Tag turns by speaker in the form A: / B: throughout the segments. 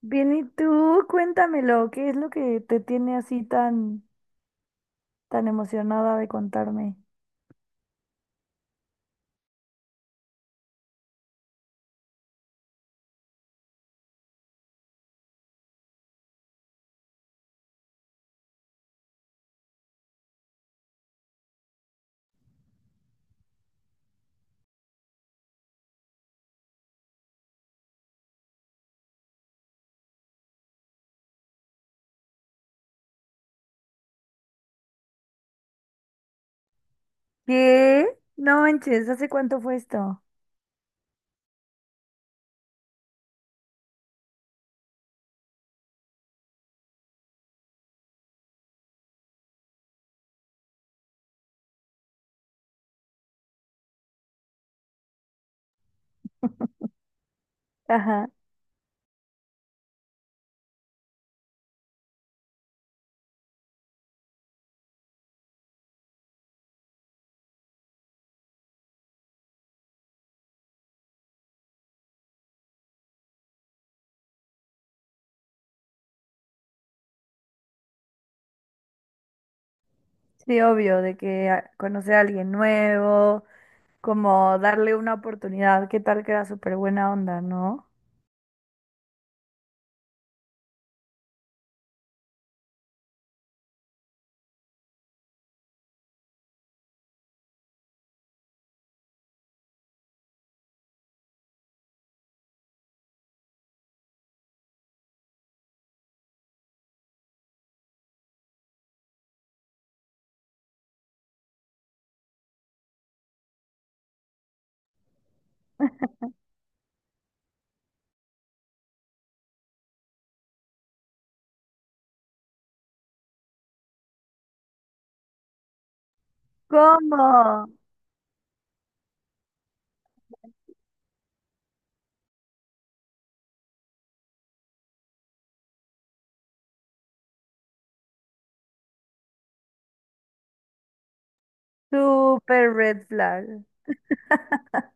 A: Bien, ¿y tú? Cuéntamelo, ¿qué es lo que te tiene así tan emocionada de contarme? ¿Qué? No manches, ¿hace cuánto fue esto? Ajá, sí, obvio, de que conocer a alguien nuevo, como darle una oportunidad, ¿qué tal que era súper buena onda, ¿no? ¿Cómo? Súper red flag.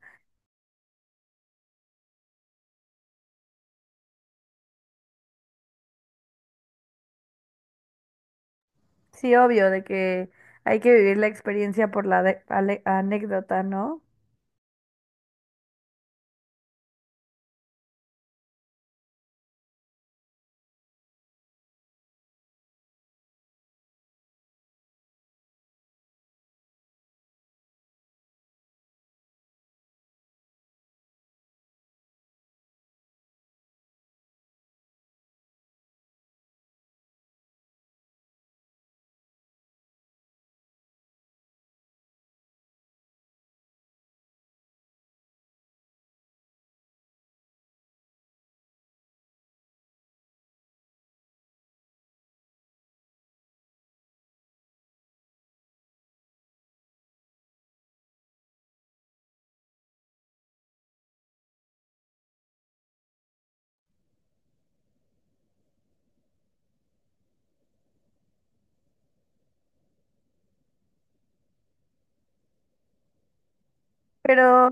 A: Sí, obvio, de que hay que vivir la experiencia por la anécdota, ¿no? Pero,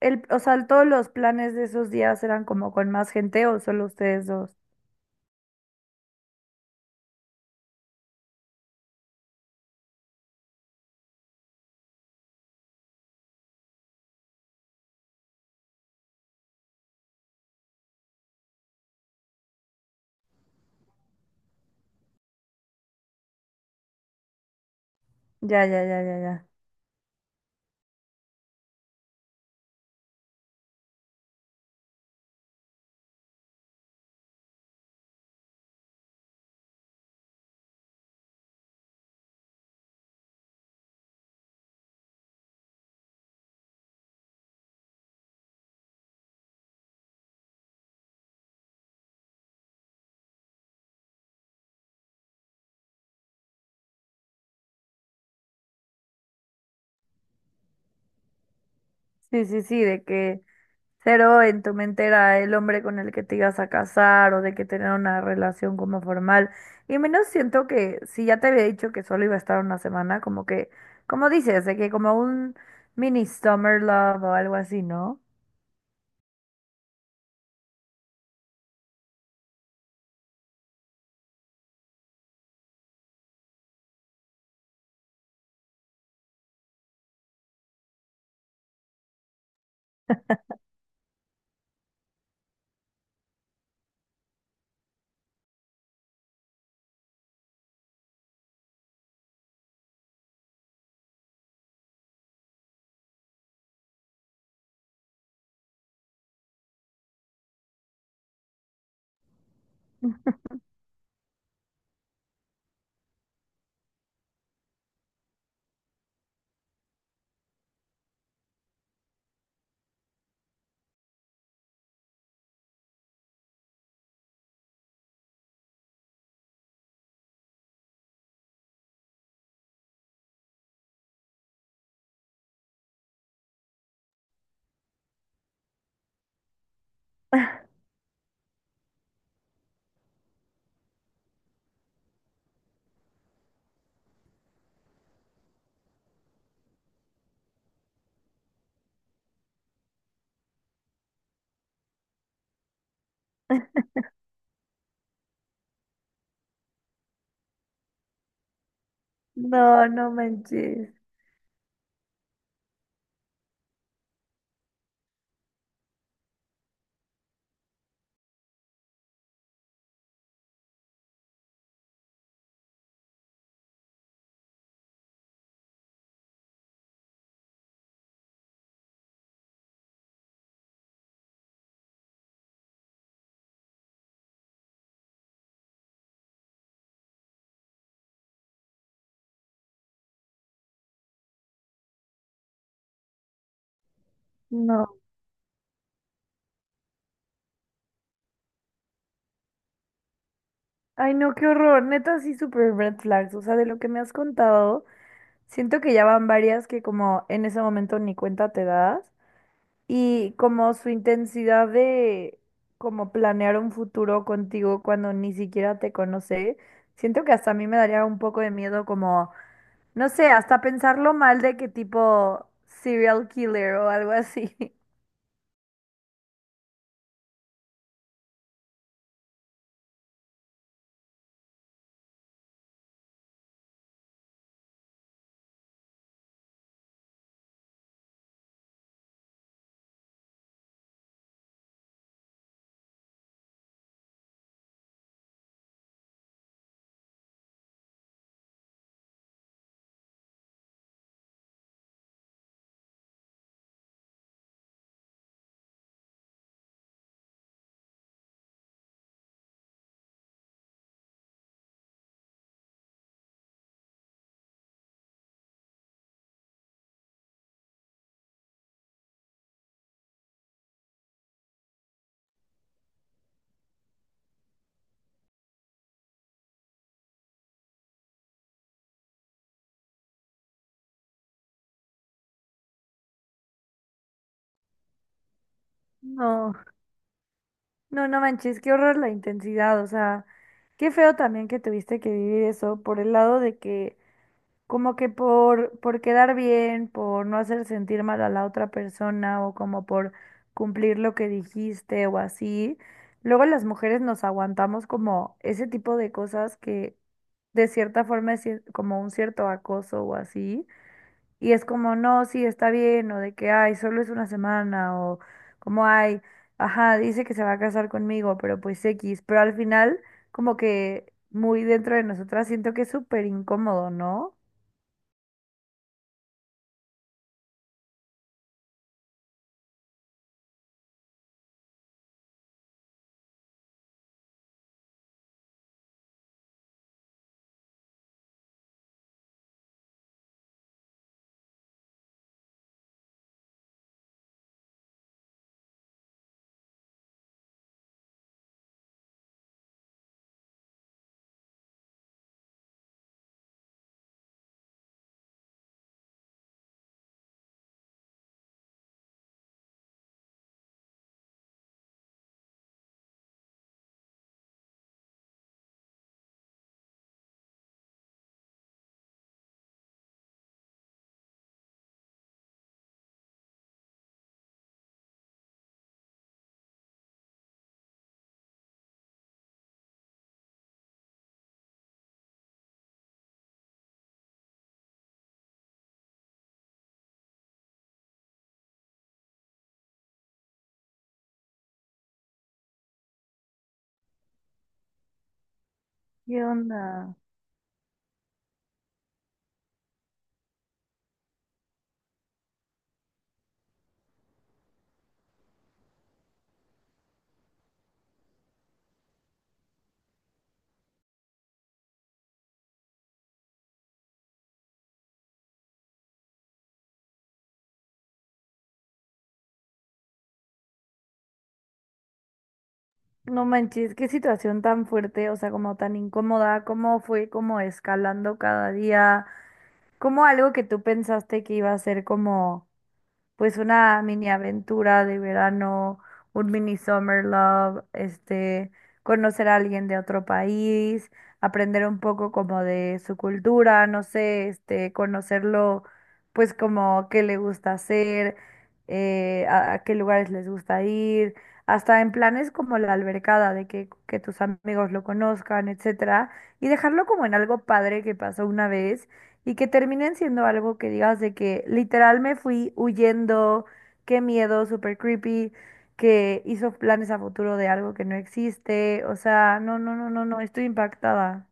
A: el, o sea, todos los planes de esos días eran como con más gente o solo ustedes dos. Ya, ya, ya, ya, ya. Sí, sí, sí, de que cero en tu mente era el hombre con el que te ibas a casar o de que tener una relación como formal. Y menos siento que si ya te había dicho que solo iba a estar una semana, como que, como dices, de que como un mini summer love o algo así, ¿no? No, no manches, no. Ay, no, qué horror, neta, sí, super red flags, o sea, de lo que me has contado. Siento que ya van varias que como en ese momento ni cuenta te das y como su intensidad de como planear un futuro contigo cuando ni siquiera te conoce, siento que hasta a mí me daría un poco de miedo como, no sé, hasta pensarlo mal de que tipo serial killer o algo así. No, no, no manches, qué horror la intensidad, o sea, qué feo también que tuviste que vivir eso por el lado de que como que por quedar bien, por no hacer sentir mal a la otra persona o como por cumplir lo que dijiste o así. Luego las mujeres nos aguantamos como ese tipo de cosas que de cierta forma es como un cierto acoso o así. Y es como, no, sí, está bien, o de que, ay, solo es una semana, o como, ay, ajá, dice que se va a casar conmigo, pero pues X. Pero al final, como que muy dentro de nosotras siento que es súper incómodo, ¿no? ¿Qué onda? No manches, qué situación tan fuerte, o sea, como tan incómoda, cómo fue como escalando cada día, como algo que tú pensaste que iba a ser como pues una mini aventura de verano, un mini summer love, este, conocer a alguien de otro país, aprender un poco como de su cultura, no sé, este, conocerlo, pues como qué le gusta hacer, a qué lugares les gusta ir, hasta en planes como la albercada, de que tus amigos lo conozcan, etcétera, y dejarlo como en algo padre que pasó una vez y que terminen siendo algo que digas de que literal me fui huyendo, qué miedo, súper creepy, que hizo planes a futuro de algo que no existe. O sea, no, no, no, no, no, estoy impactada.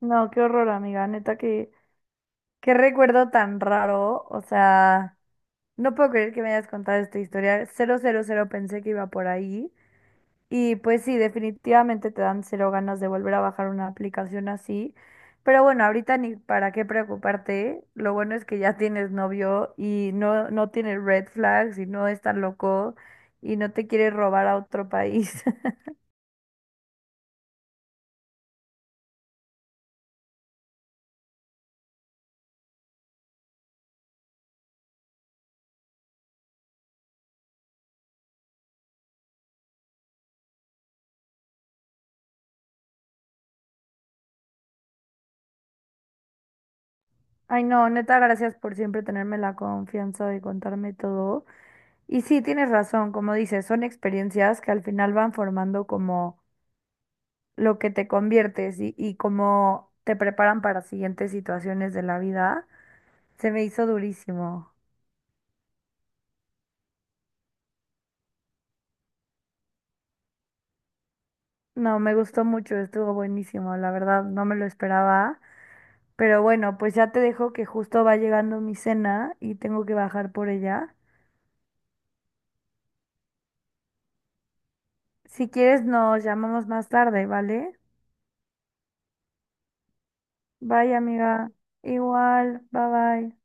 A: No, qué horror, amiga, neta, que qué recuerdo tan raro. O sea, no puedo creer que me hayas contado esta historia. Cero, cero, cero pensé que iba por ahí. Y pues sí, definitivamente te dan cero ganas de volver a bajar una aplicación así. Pero bueno, ahorita ni para qué preocuparte. Lo bueno es que ya tienes novio y no, no tiene red flags y no es tan loco y no te quiere robar a otro país. Ay, no, neta, gracias por siempre tenerme la confianza de contarme todo. Y sí, tienes razón, como dices, son experiencias que al final van formando como lo que te conviertes y cómo te preparan para siguientes situaciones de la vida. Se me hizo durísimo. No, me gustó mucho, estuvo buenísimo, la verdad, no me lo esperaba. Pero bueno, pues ya te dejo que justo va llegando mi cena y tengo que bajar por ella. Si quieres, nos llamamos más tarde, ¿vale? Bye, amiga. Igual, bye bye.